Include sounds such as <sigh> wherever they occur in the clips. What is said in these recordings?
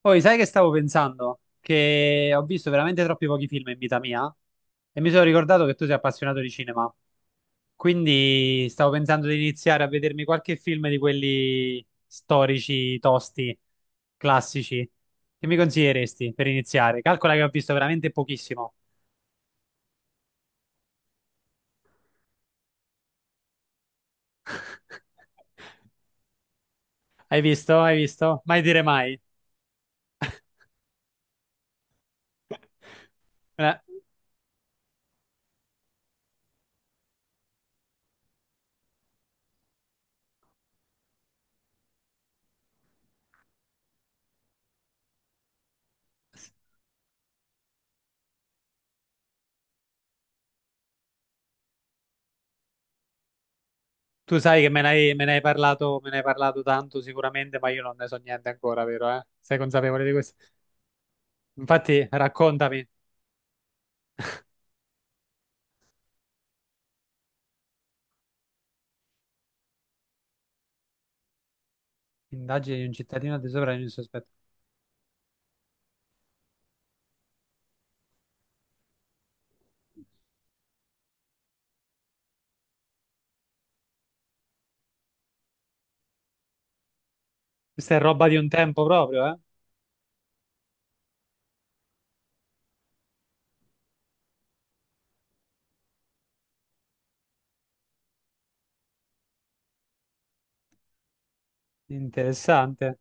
Poi, sai che stavo pensando? Che ho visto veramente troppi pochi film in vita mia e mi sono ricordato che tu sei appassionato di cinema. Quindi stavo pensando di iniziare a vedermi qualche film di quelli storici, tosti, classici. Che mi consiglieresti per iniziare? Calcola che ho visto veramente pochissimo. <laughs> Hai visto? Hai visto? Mai dire mai. <laughs> Eh, Tu sai che me ne hai parlato, me ne hai parlato tanto sicuramente, ma io non ne so niente ancora, vero, eh? Sei consapevole di questo? Infatti, raccontami, indagini di un cittadino di sopra di un sospetto. Questa è roba di un tempo proprio, eh? Interessante.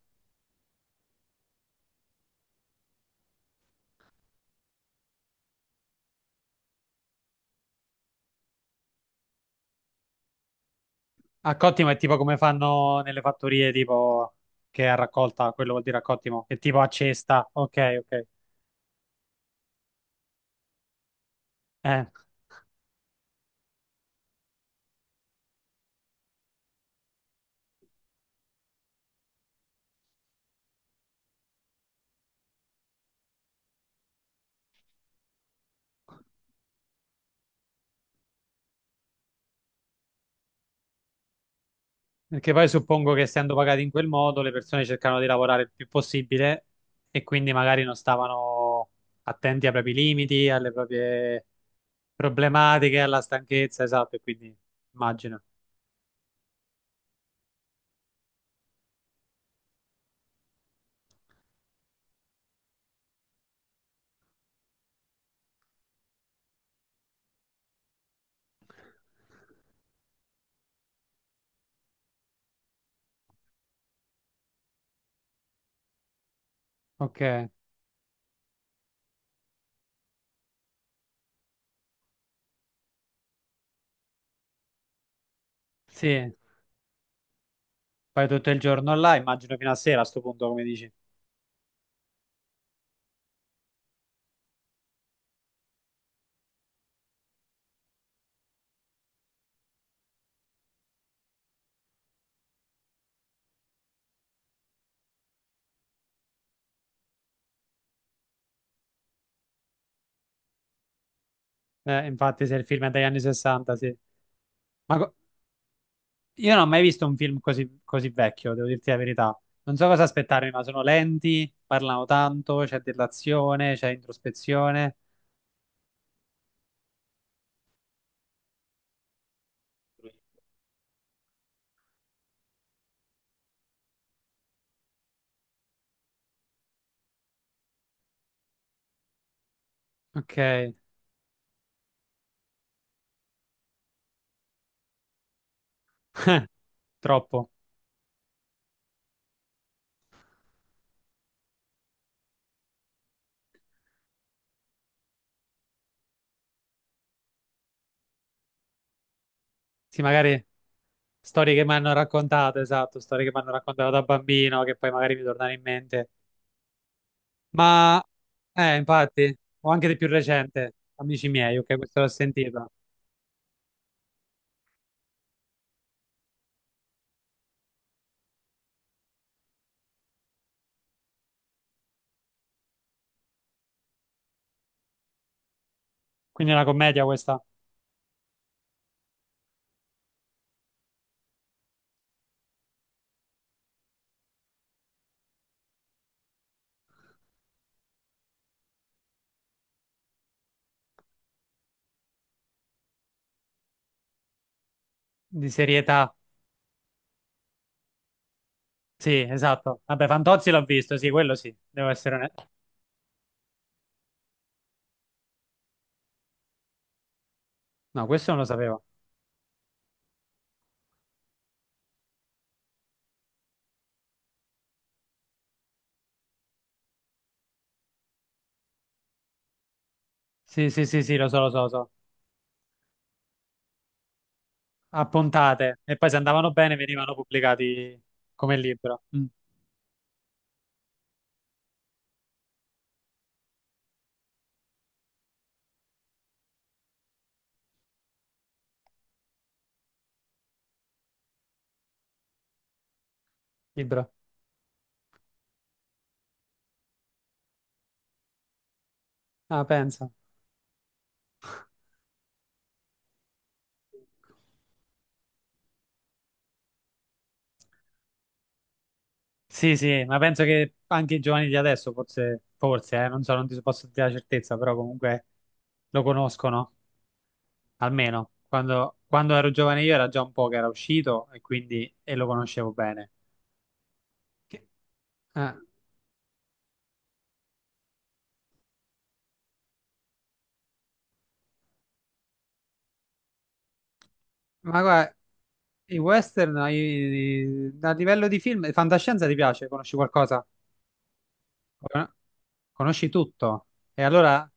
A cottimo è tipo come fanno nelle fattorie, tipo che è a raccolta, quello vuol dire a cottimo, è tipo a cesta. Ok, ok. Eh, Perché poi suppongo che essendo pagati in quel modo, le persone cercano di lavorare il più possibile e quindi magari non stavano attenti ai propri limiti, alle proprie problematiche, alla stanchezza, esatto, e quindi immagino. Ok, sì. Fai tutto il giorno là, immagino fino a sera a sto punto, come dici. Infatti, se il film è dagli anni 60, sì. Ma co- io non ho mai visto un film così, così vecchio, devo dirti la verità. Non so cosa aspettarmi, ma sono lenti, parlano tanto, c'è dell'azione, c'è introspezione. Ok, <laughs> troppo. Sì, magari storie che mi hanno raccontato, esatto, storie che mi hanno raccontato da bambino, che poi magari mi tornano in mente. Ma, infatti, o anche di più recente, Amici miei, ok, questo l'ho sentito. Quindi è una commedia questa, di serietà. Sì, esatto. Vabbè, Fantozzi l'ho visto, sì, quello sì, devo essere onesto. No, questo non lo sapevo. Sì, sì, sì, sì, lo so, lo so, lo so. A puntate. E poi se andavano bene venivano pubblicati come libro. Mm, libro. Ah, pensa. Sì, sì, ma penso che anche i giovani di adesso, forse, forse, non so, non ti posso dire la certezza, però comunque lo conoscono, almeno. Quando ero giovane io era già un po' che era uscito e quindi e lo conoscevo bene. Che- eh. Ma guarda, a livello di film, fantascienza ti piace? Conosci qualcosa? Con- Conosci tutto? E allora,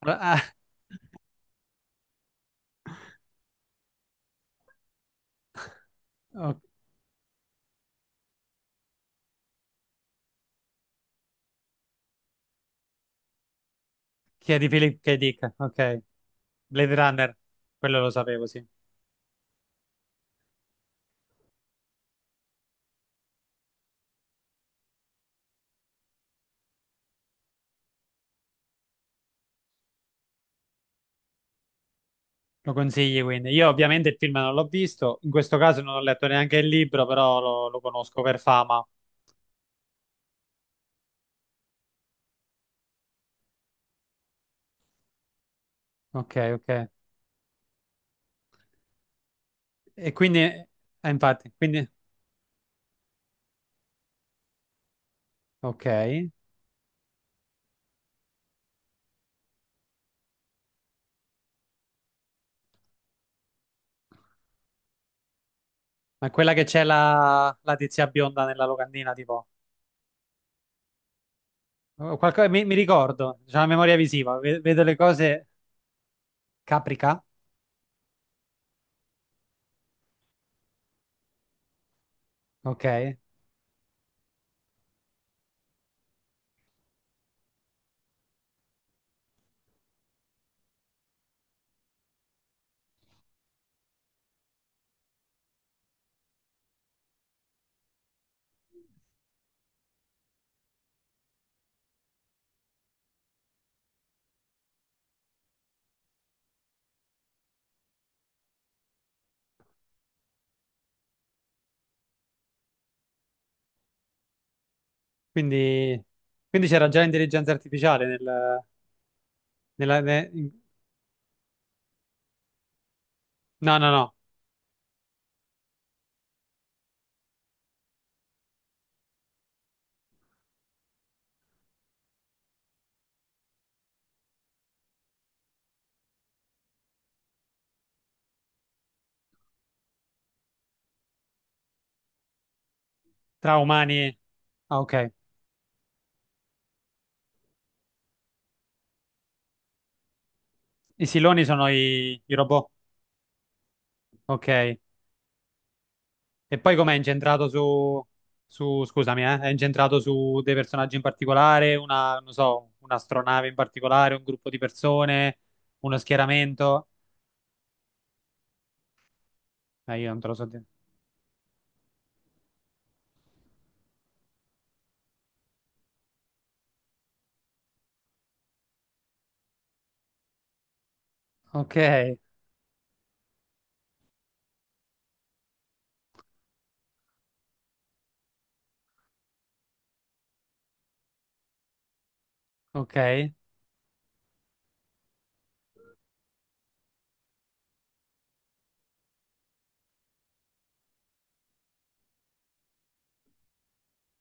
ah, oh, chiedi Philip K. Dick, ok, Blade Runner, quello lo sapevo, sì. Lo consigli quindi. Io ovviamente il film non l'ho visto, in questo caso non ho letto neanche il libro, però lo conosco per fama. Ok, ok. E quindi, infatti, quindi, ok. Ma quella che c'è la tizia bionda nella locandina, tipo... Oh, mi ricordo, c'è la memoria visiva, vedo le cose caprica, ok? Quindi, quindi c'era già l'intelligenza artificiale nel, nella, ne- in- no, no, no, tra umani e... Ah, ok. I siloni sono i robot, ok. E poi com'è incentrato su, su, scusami, è incentrato su dei personaggi in particolare, una, non so, un'astronave in particolare, un gruppo di persone, uno schieramento? Io non te lo so dire. Ok, ok.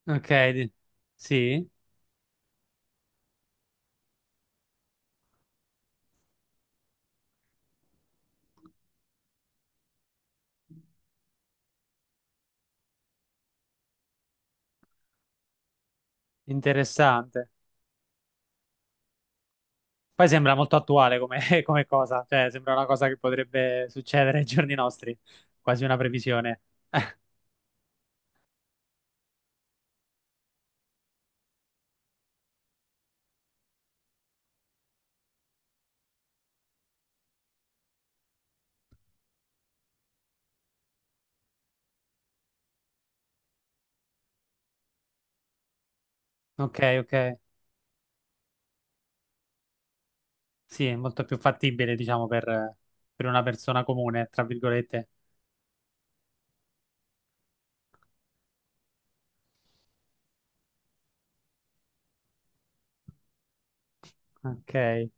Ok, di- sì, interessante. Poi sembra molto attuale come, <laughs> come cosa, cioè sembra una cosa che potrebbe succedere ai giorni nostri, quasi una previsione. Ok, ok, sì, è molto più fattibile, diciamo, per una persona comune, tra virgolette. Ok,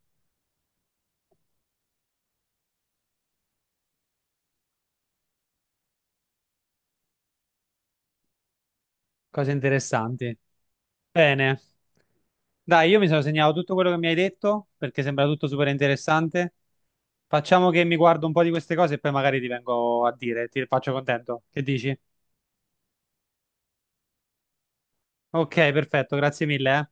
cose interessanti. Bene, dai, io mi sono segnato tutto quello che mi hai detto, perché sembra tutto super interessante. Facciamo che mi guardo un po' di queste cose e poi magari ti vengo a dire, ti faccio contento. Che dici? Ok, perfetto, grazie mille, eh.